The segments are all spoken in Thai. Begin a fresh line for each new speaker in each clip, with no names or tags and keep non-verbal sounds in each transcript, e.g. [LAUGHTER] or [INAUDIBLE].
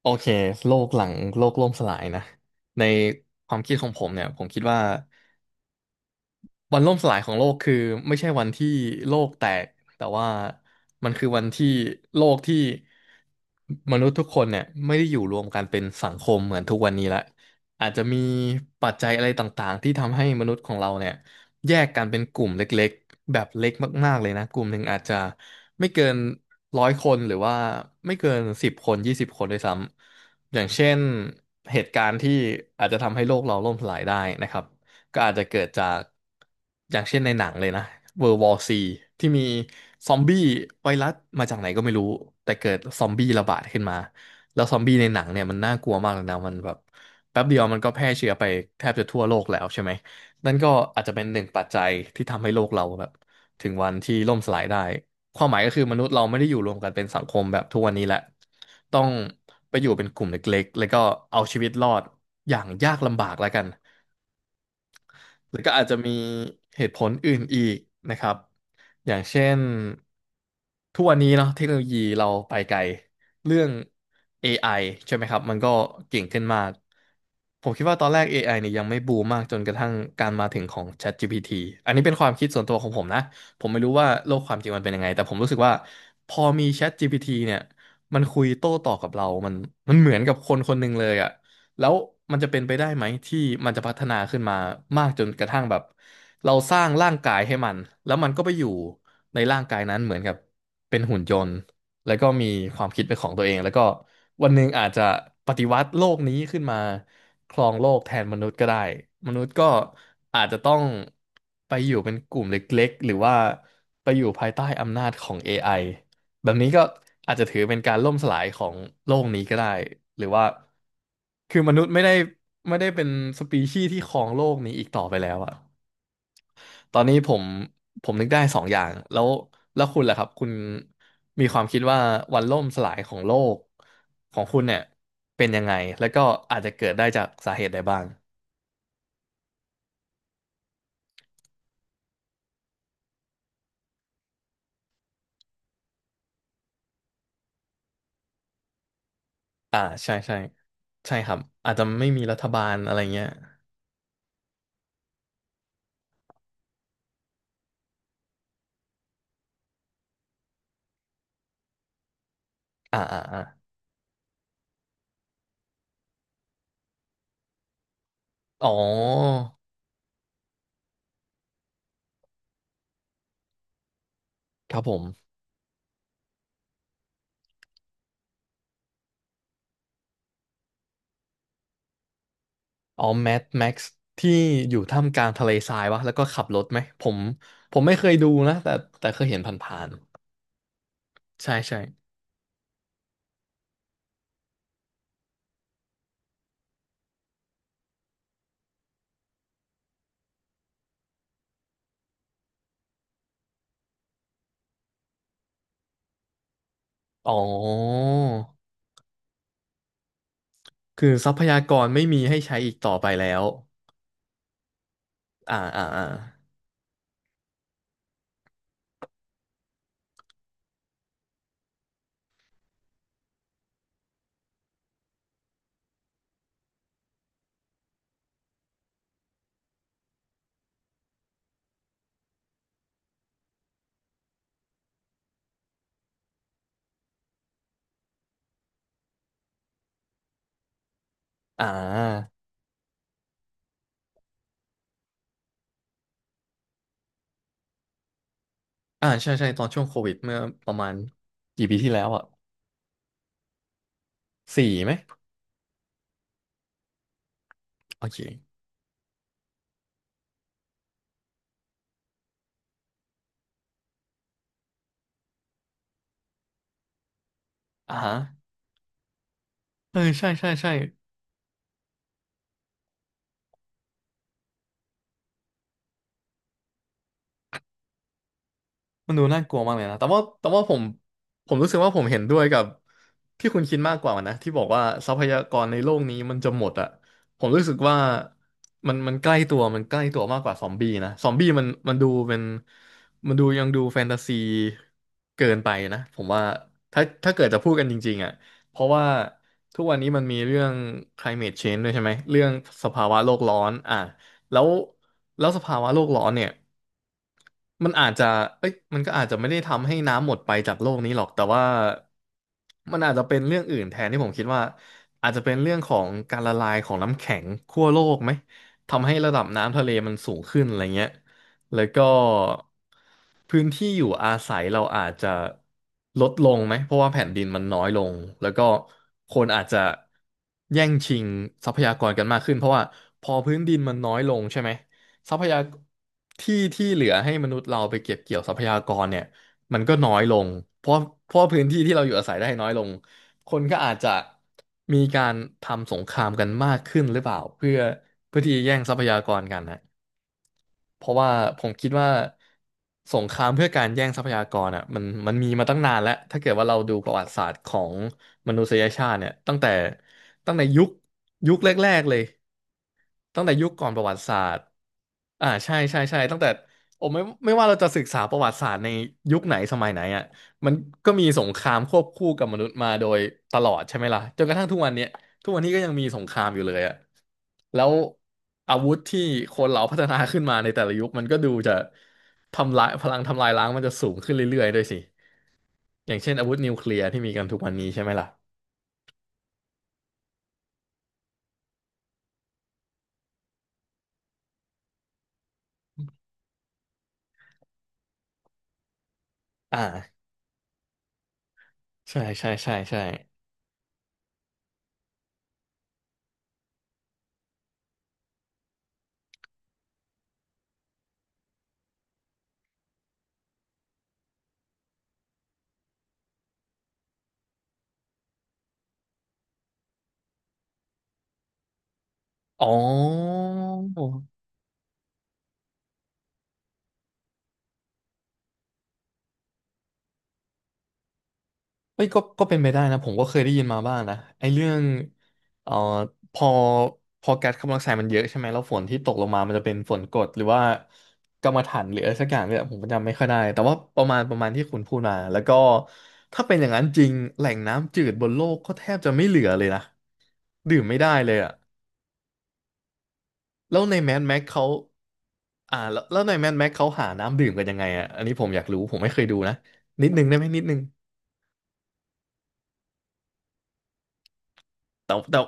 โอเคโลกหลังโลกล่มสลายนะในความคิดของผมเนี่ยผมคิดว่า วันล่มสลายของโลกคือไม่ใช่วันที่โลกแตกแต่ว่ามันคือวันที่โลกที่มนุษย์ทุกคนเนี่ยไม่ได้อยู่รวมกันเป็นสังคมเหมือนทุกวันนี้ละอาจจะมีปัจจัยอะไรต่างๆที่ทำให้มนุษย์ของเราเนี่ยแยกกันเป็นกลุ่มเล็กๆแบบเล็กมากๆเลยนะกลุ่มหนึ่งอาจจะไม่เกินร้อยคนหรือว่าไม่เกินสิบคนยี่สิบคนด้วยซ้ำอย่างเช่นเหตุการณ์ที่อาจจะทำให้โลกเราล่มสลายได้นะครับ ก็อาจจะเกิดจากอย่างเช่นในหนังเลยนะ World War ซีที่มีซอมบี้ไวรัสมาจากไหนก็ไม่รู้แต่เกิดซอมบี้ระบาดขึ้นมาแล้วซอมบี้ในหนังเนี่ยมันน่ากลัวมากเลยนะมันแบบแป๊บเดียวมันก็แพร่เชื้อไปแทบจะทั่วโลกแล้วใช่ไหมนั่นก็อาจจะเป็นหนึ่งปัจจัยที่ทำให้โลกเราแบบถึงวันที่ล่มสลายได้ความหมายก็คือมนุษย์เราไม่ได้อยู่รวมกันเป็นสังคมแบบทุกวันนี้แหละต้องไปอยู่เป็นกลุ่มเล็กๆแล้วก็เอาชีวิตรอดอย่างยากลำบากแล้วกัน แล้วก็อาจจะมีเหตุผลอื่นอีกนะครับ อย่างเช่นทุกวันนี้เนาะเทคโนโลยีเราไปไกลเรื่อง AI ใช่ไหมครับมันก็เก่งขึ้นมากผมคิดว่าตอนแรก AI เนี่ยยังไม่บูมมากจนกระทั่งการมาถึงของ ChatGPT อันนี้เป็นความคิดส่วนตัวของผมนะผมไม่รู้ว่าโลกความจริงมันเป็นยังไงแต่ผมรู้สึกว่าพอมี ChatGPT เนี่ยมันคุยโต้ตอบกับเรามันเหมือนกับคนคนหนึ่งเลยอะ แล้วมันจะเป็นไปได้ไหมที่มันจะพัฒนาขึ้นมามากจนกระทั่งแบบเราสร้างร่างกายให้มันแล้วมันก็ไปอยู่ในร่างกายนั้นเหมือนกับเป็นหุ่นยนต์แล้วก็มีความคิดเป็นของตัวเองแล้วก็วันหนึ่งอาจจะปฏิวัติโลกนี้ขึ้นมาครองโลกแทนมนุษย์ก็ได้มนุษย์ก็อาจจะต้องไปอยู่เป็นกลุ่มเล็กๆหรือว่าไปอยู่ภายใต้อำนาจของ AI แบบนี้ก็อาจจะถือเป็นการล่มสลายของโลกนี้ก็ได้หรือว่าคือมนุษย์ไม่ได้เป็นสปีชีส์ที่ครองโลกนี้อีกต่อไปแล้วอะตอนนี้ผมนึกได้สองอย่างแล้วแล้วคุณล่ะครับคุณมีความคิดว่าวันล่มสลายของโลกของคุณเนี่ยเป็นยังไงแล้วก็อาจจะเกิดได้จากสาเหตุใดบ้างอ่าใช่ใช่ใช่ครับอาจจะไม่มีรัฐบาลอะไรเงี้ยอ่าอ่าอ่าอ๋อครับผม อ๋อแมทแม็กซ์ที่อยู่ท่ามกลางทะเลทรายวะแล้วก็ขับรถไหมผมไม่เคยดูนะแต่แต่เคยเห็นผ่านๆใช่ใช่อ๋อคือทรัพยากรไม่มีให้ใช้อีกต่อไปแล้วอ่าอ่าอ่าอ่าอ่าใช่ใช่ตอนช่วงโควิดเมื่อประมาณกี่ปีที่แล้วอ่ะสี่ไหมโอเคอ่าฮะเออใช่ใช่ใช่ มันดูน่ากลัวมากเลยนะ แต่ว่าผมรู้สึกว่าผมเห็นด้วยกับที่คุณคิดมากกว่านะที่บอกว่าทรัพยากรในโลกนี้มันจะหมดอะผมรู้สึกว่ามันใกล้ตัวมันใกล้ตัวมากกว่าซอมบี้นะซอมบี้มันดูเป็นมันดูยังดูแฟนตาซีเกินไปนะผมว่าถ้าเกิดจะพูดกันจริงๆอะเพราะว่าทุกวันนี้มันมีเรื่อง climate change ด้วยใช่ไหมเรื่องสภาวะโลกร้อนอ่ะ แล้วแล้วสภาวะโลกร้อนเนี่ยมันอาจจะเอ้ยมันก็อาจจะไม่ได้ทำให้น้ำหมดไปจากโลกนี้หรอกแต่ว่ามันอาจจะเป็นเรื่องอื่นแทนที่ผมคิดว่าอาจจะเป็นเรื่องของการละลายของน้ำแข็งขั้วโลกไหมทำให้ระดับน้ำทะเลมันสูงขึ้นอะไรเงี้ย แล้วก็พื้นที่อยู่อาศัยเราอาจจะลดลงไหมเพราะว่าแผ่นดินมันน้อยลงแล้วก็คนอาจจะแย่งชิงทรัพยากรกันมากขึ้นเพราะว่าพอพื้นดินมันน้อยลงใช่ไหมทรัพยากที่ที่เหลือให้มนุษย์เราไปเก็บเกี่ยวทรัพยากรเนี่ยมันก็น้อยลงเพราะเพราะพื้นที่ที่เราอยู่อาศัยได้น้อยลงคนก็อาจจะมีการทำสงครามกันมากขึ้นหรือเปล่าเพื่อที่จะแย่งทรัพยากรกันนะ เพราะว่าผมคิดว่าสงครามเพื่อการแย่งทรัพยากรอ่ะมันมีมาตั้งนานแล้วถ้าเกิดว่าเราดูประวัติศาสตร์ของมนุษยชาติเนี่ยตั้งแต่ยุคแรกๆเลย ตั้งแต่ยุคก่อนประวัติศาสตร์อ่าใช่ใช่ใช่ตั้งแต่ผมไม่ว่าเราจะศึกษาประวัติศาสตร์ในยุคไหนสมัยไหนอ่ะมันก็มีสงครามควบคู่กับมนุษย์มาโดยตลอดใช่ไหมล่ะจนกระทั่งทุกวันเนี้ยทุกวันนี้ก็ยังมีสงครามอยู่เลยอ่ะแล้วอาวุธที่คนเราพัฒนาขึ้นมาในแต่ละยุคมันก็ดูจะทำลายพลังทำลายล้างมันจะสูงขึ้นเรื่อยๆด้วยสิอย่างเช่นอาวุธนิวเคลียร์ที่มีกันทุกวันนี้ใช่ไหมล่ะอ่าใช่ใช่ใช่ใช่อ๋อ เอ้ยก็เป็นไปได้นะผมก็เคยได้ยินมาบ้างนะไอ้เรื่องเอ่อพอพอแก๊สคาร์บอนไดออกไซด์มันเยอะใช่ไหมแล้วฝนที่ตกลงมามันจะเป็นฝนกรดหรือว่ากำมะถันหรืออะไรสักอย่างเนี่ยผมจำไม่ค่อยได้แต่ว่าประมาณที่คุณพูดมาแล้วก็ถ้าเป็นอย่างนั้นจริงแหล่งน้ำจืดบนโลกก็แทบจะไม่เหลือเลยนะดื่มไม่ได้เลยอะแล้วในแม d แม็กเขาแล้วในแม d แม็กเขาหาน้ำดื่มกันยังไงอะอันนี้ผมอยากรู้ผมไม่เคยดูนะนิดนึงได้ไหมนิดนึงแต่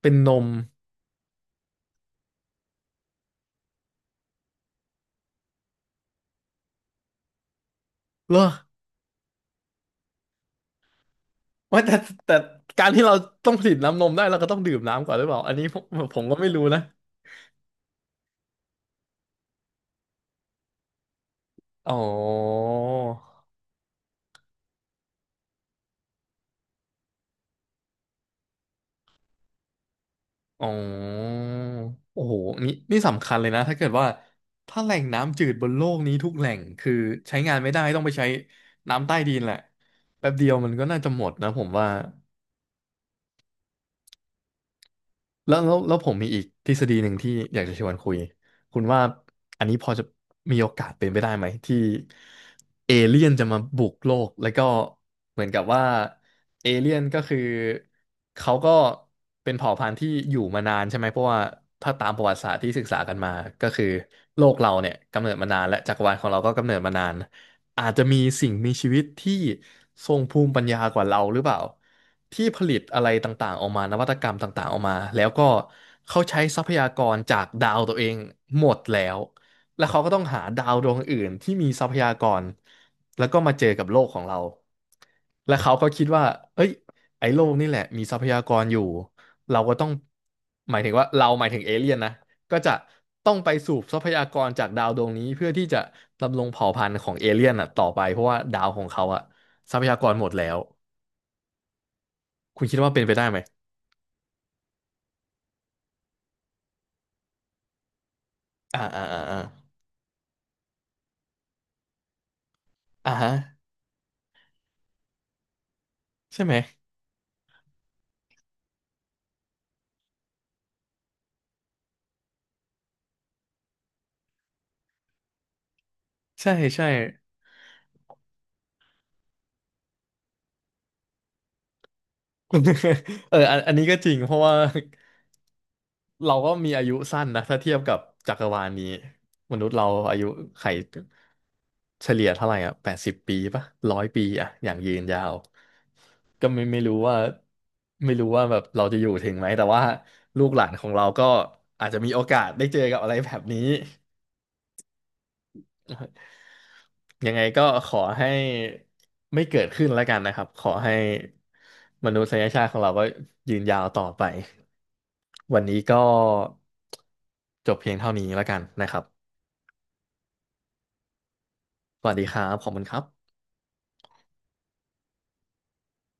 เป็นนมเหรอ ว่าแต่การที่เราต้องผลิตน้ำนมได้เราก็ต้องดื่มน้ำก่อนหรือเปล่าอันนี้ผมก็ไม่รู้นะอ๋ออ๋อโอ้โหนี่นี่สำคัญเลยนะถ้าเกิดว่าถ้าแหล่งน้ำจืดบนโลกนี้ทุกแหล่งคือใช้งานไม่ได้ต้องไปใช้น้ำใต้ดินแหละแป๊บเดียวมันก็น่าจะหมดนะผมว่า แล้วผมมีอีกทฤษฎีหนึ่งที่อยากจะชวนคุยคุณว่าอันนี้พอจะมีโอกาสเป็นไปได้ไหมที่เอเลี่ยนจะมาบุกโลกแล้วก็เหมือนกับว่าเอเลี่ยนก็คือเขาก็เป็นเผ่าพันธุ์ที่อยู่มานานใช่ไหมเพราะว่าถ้าตามประวัติศาสตร์ที่ศึกษากันมาก็คือโลกเราเนี่ยกำเนิดมานานและจักรวาลของเราก็กำเนิดมานาน อาจจะมีสิ่งมีชีวิตที่ทรงภูมิปัญญากว่าเราหรือเปล่าที่ผลิตอะไรต่างๆออกมานวัตกรรมต่างๆออกมาแล้วก็เขาใช้ทรัพยากรจากดาวตัวเองหมดแล้วแล้วเขาก็ต้องหาดาวดวงอื่นที่มีทรัพยากรแล้วก็มาเจอกับโลกของเราและเขาก็คิดว่าเอ้ยไอ้โลกนี่แหละมีทรัพยากรอยู่เราก็ต้องหมายถึงว่าเราหมายถึงเอเลี่ยนนะ ก็จะต้องไปสูบทรัพยากรจากดาวดวงนี้เพื่อที่จะดำรงเผ่าพันธุ์ของเอเลี่ยนอ่ะต่อไปเพราะว่าดาวของเขาอ่ะทรัพยากรหมดแล้วคุณคิดว่าเป็นไปได้ไหมอ่าอ่าอ่าอ่าอ่าฮะใช่ไหมใช่ใช่ [LAUGHS] เอออันอันนี้ก็จริงเพราะว่า เราก็มีอายุสั้นนะถ้าเทียบกับจักรวาลนี้มนุษย์เราอายุไขเฉลี่ยเท่าไหร่อ่ะ80 ปีปะ100 ปีอ่ะอย่างยืนยาวก็ไม่รู้ว่าไม่รู้ว่าแบบเราจะอยู่ถึงไหมแต่ว่าลูกหลานของเราก็อาจจะมีโอกาสได้เจอกับอะไรแบบนี้ ยังไงก็ขอให้ไม่เกิดขึ้นแล้วกันนะครับขอให้มนุษยชาติของเราก็ยืนยาวต่อไปวันนี้ก็จบเพียงเท่านี้แล้วกันนะครับสวัสดีครับขอบคุณครับ